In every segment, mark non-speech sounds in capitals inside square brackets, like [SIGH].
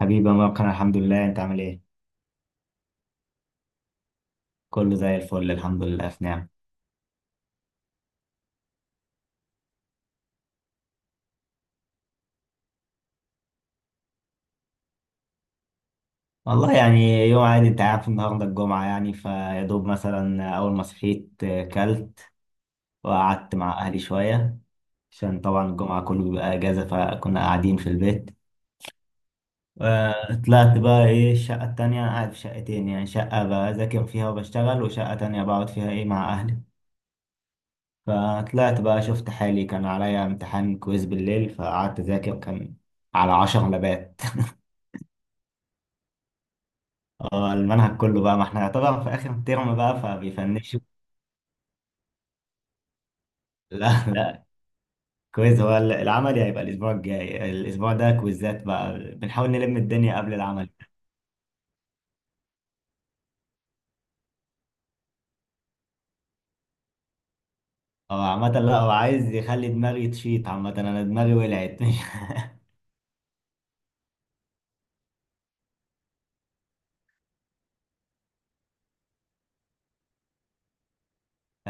حبيبي يا مروان، الحمد لله. انت عامل ايه؟ كله زي الفل الحمد لله. في نعم. والله يعني يوم عادي، انت عارف النهارده الجمعة، يعني فيا دوب مثلا أول ما صحيت كلت وقعدت مع أهلي شوية عشان طبعا الجمعة كله بيبقى أجازة فكنا قاعدين في البيت. طلعت بقى ايه الشقة التانية. أنا قاعد في شقتين، يعني شقة بذاكر فيها وبشتغل وشقة تانية بقعد فيها ايه مع أهلي. فطلعت بقى شفت حالي، كان عليا امتحان كويز بالليل، فقعدت أذاكر. كان على 10 لبات. اه المنهج كله بقى، ما احنا طبعا في اخر الترم بقى فبيفنشوا. لا لا، كويز. هو العملي هيبقى الاسبوع الجاي، الاسبوع ده كويزات بقى، بنحاول نلم الدنيا قبل العمل. اه عامة لا، هو عايز يخلي دماغي تشيط، عامة انا دماغي ولعت.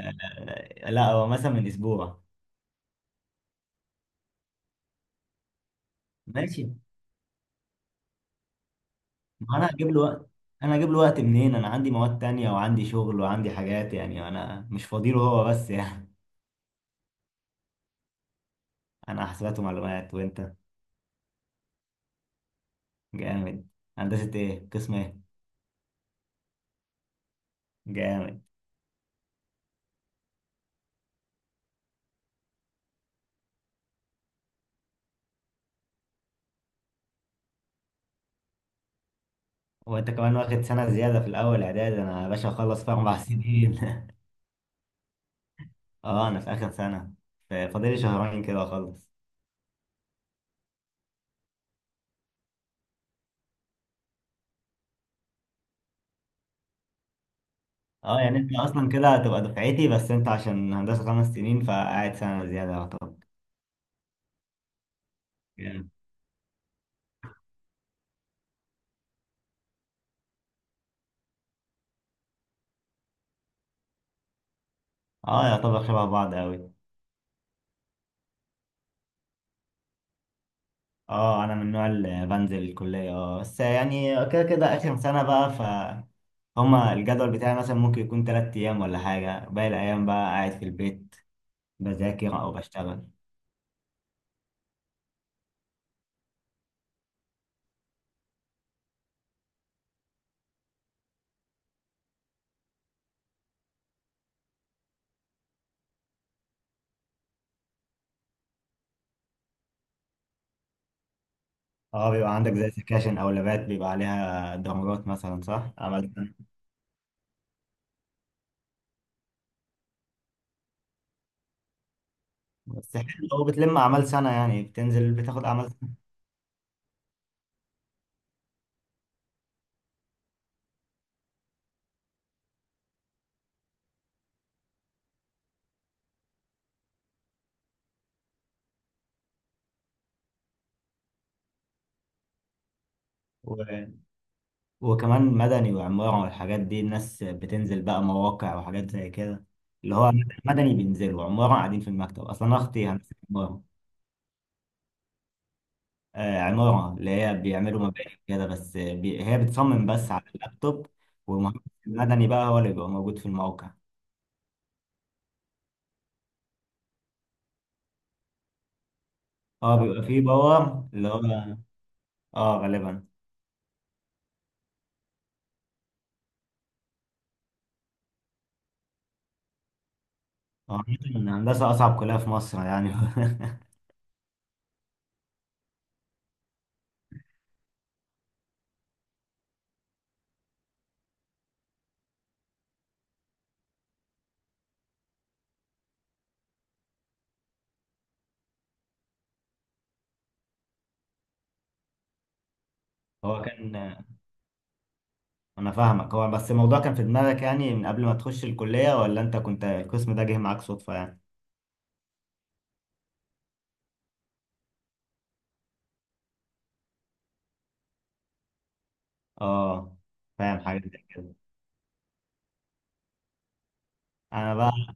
[LAUGHS] لا هو مثلا من اسبوع. ماشي. ما انا هجيب له وقت. انا هجيب له وقت منين؟ انا عندي مواد تانية وعندي شغل وعندي حاجات، يعني انا مش فاضي له هو بس [LAUGHS] يعني. انا حسابات ومعلومات، وانت؟ جامد. هندسة ايه؟ قسم ايه؟ جامد. وانت كمان واخد سنة زيادة في الأول إعدادي، أنا يا باشا أخلص في 4 سنين. [LAUGHS] أه أنا في آخر سنة، فاضلي شهرين كده أخلص. أه يعني أنت أصلا كده هتبقى دفعتي، بس أنت عشان هندسة 5 سنين فقاعد سنة زيادة يعتبر. جامد. أه يعتبر شبه بعض أوي. أه أنا من النوع اللي بنزل الكلية، أه بس يعني كده كده آخر سنة بقى، ف هما الجدول بتاعي مثلا ممكن يكون 3 أيام ولا حاجة، باقي الأيام بقى قاعد في البيت بذاكر أو بشتغل. اه بيبقى عندك زي سكاشن او لابات بيبقى عليها درجات مثلا، صح، عمل سنة. بس حلو لو بتلم اعمال سنة، يعني بتنزل بتاخد اعمال سنة. و... وكمان مدني وعمارة والحاجات دي الناس بتنزل بقى مواقع وحاجات زي كده. اللي هو مدني بينزلوا، عمارة قاعدين في المكتب، اصلا أنا اختي هندسة عمارة. آه، عمارة اللي هي بيعملوا مباني كده، بس هي بتصمم بس على اللابتوب. والمهندس المدني بقى هو اللي بيبقى موجود في الموقع. اه بيبقى فيه باور اللي هو. اه غالبا. عامة هندسة أصعب كلية في مصر يعني. [LAUGHS] هو كان. أنا فاهمك. هو بس الموضوع كان في دماغك يعني من قبل ما تخش الكلية، ولا أنت كنت القسم ده جه معاك صدفة يعني؟ آه. فاهم حاجة زي كده. أنا بقى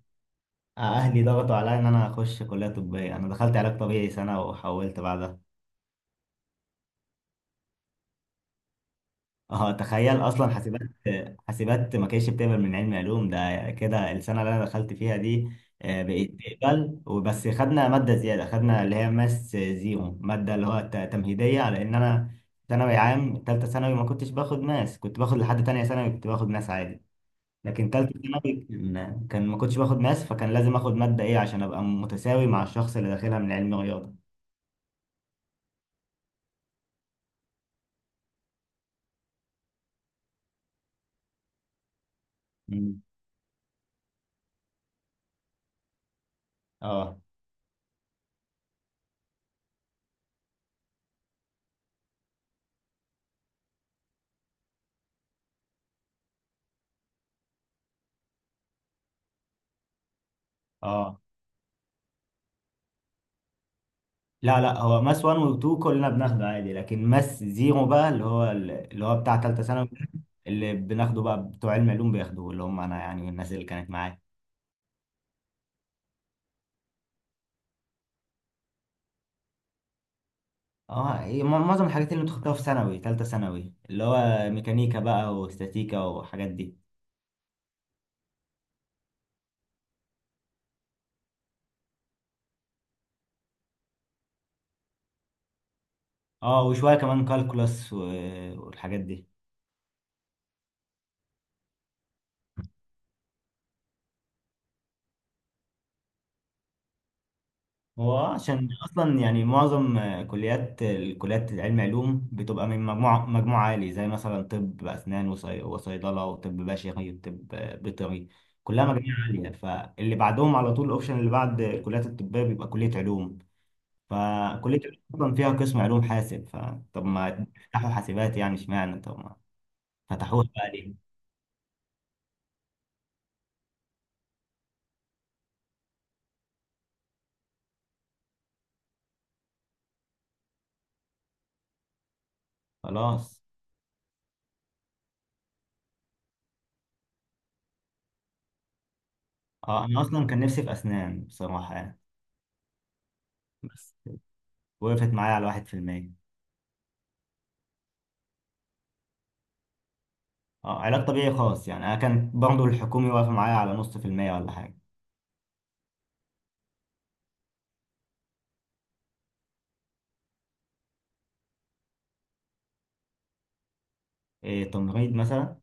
أهلي ضغطوا عليا إن أنا أخش كلية طبية، أنا دخلت علاج طبيعي سنة وحولت بعدها. اه تخيل. اصلا حاسبات ما كانتش بتقبل من علم علوم، ده كده السنه اللي انا دخلت فيها دي بقيت تقبل. وبس خدنا ماده زياده، خدنا اللي هي ماس زيرو، ماده اللي هو تمهيديه، على ان انا ثانوي عام ثالثه ثانوي ما كنتش باخد ماس، كنت باخد لحد تانية ثانوي كنت باخد ماس عادي، لكن ثالثه ثانوي كان ما كنتش باخد ماس، فكان لازم اخد ماده ايه عشان ابقى متساوي مع الشخص اللي داخلها من علم رياضه. مم. اه اه. لا لا، هو ماس 1 و 2 كلنا بناخده عادي، لكن ماس زيرو بقى اللي هو اللي هو بتاع تالتة ثانوي، اللي بناخده بقى بتوع علم علوم بياخدوه، اللي هم انا يعني والناس اللي كانت معايا. اه هي معظم الحاجات اللي انت خدتها في ثانوي تالتة ثانوي اللي هو ميكانيكا بقى واستاتيكا والحاجات دي. اه وشوية كمان كالكولاس والحاجات دي. هو عشان اصلا يعني معظم كليات الكليات العلم علوم بتبقى من مجموعه عالي، زي مثلا طب اسنان وصيدله وطب بشري وطب بيطري، كلها مجاميع عاليه. فاللي بعدهم على طول الاوبشن اللي بعد الكليات الطبيه بيبقى كليه علوم. فكليه علوم اصلا فيها قسم علوم حاسب، فطب ما فتحوا حاسبات يعني، اشمعنى طب ما فتحوها بقى ليه. خلاص. اه انا اصلا كان نفسي في اسنان بصراحه يعني، بس وقفت معايا على 1%. اه علاج طبيعي خاص يعني، انا كانت برضه الحكومي واقفه معايا على 0.5% ولا حاجه. إيه تمريض مثلا؟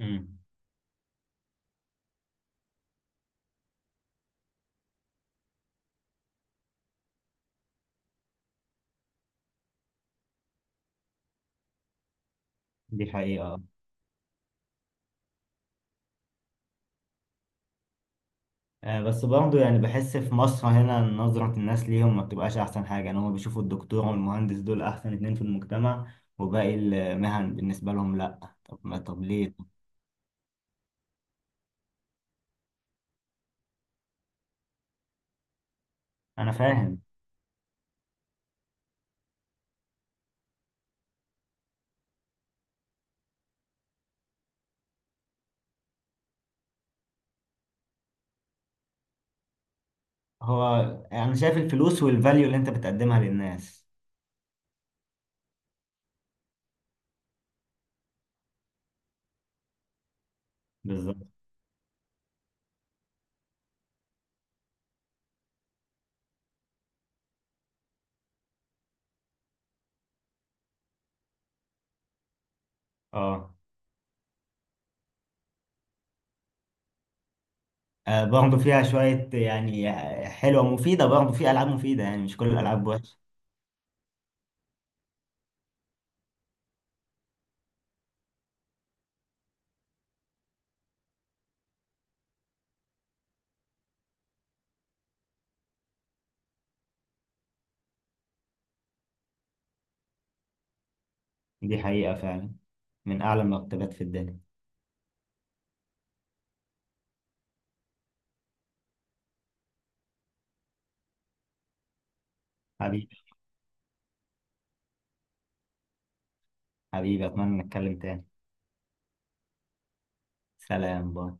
امم. دي حقيقه اه. بس برضه يعني بحس في مصر هنا نظره الناس ليهم ما بتبقاش احسن حاجه. يعني هم بيشوفوا الدكتور والمهندس دول احسن اتنين في المجتمع، وباقي المهن بالنسبه لهم لا. طب ما طب ليه. انا فاهم. هو انا شايف الفلوس والفاليو اللي انت بتقدمها للناس. بالظبط. اه برضه فيها شوية يعني حلوة مفيدة، برضه في ألعاب مفيدة يعني مش كل الألعاب وحشة. دي حقيقة فعلا، من أعلى المرتبات في الدنيا. حبيبي. حبيبي أتمنى نتكلم تاني. سلام باي.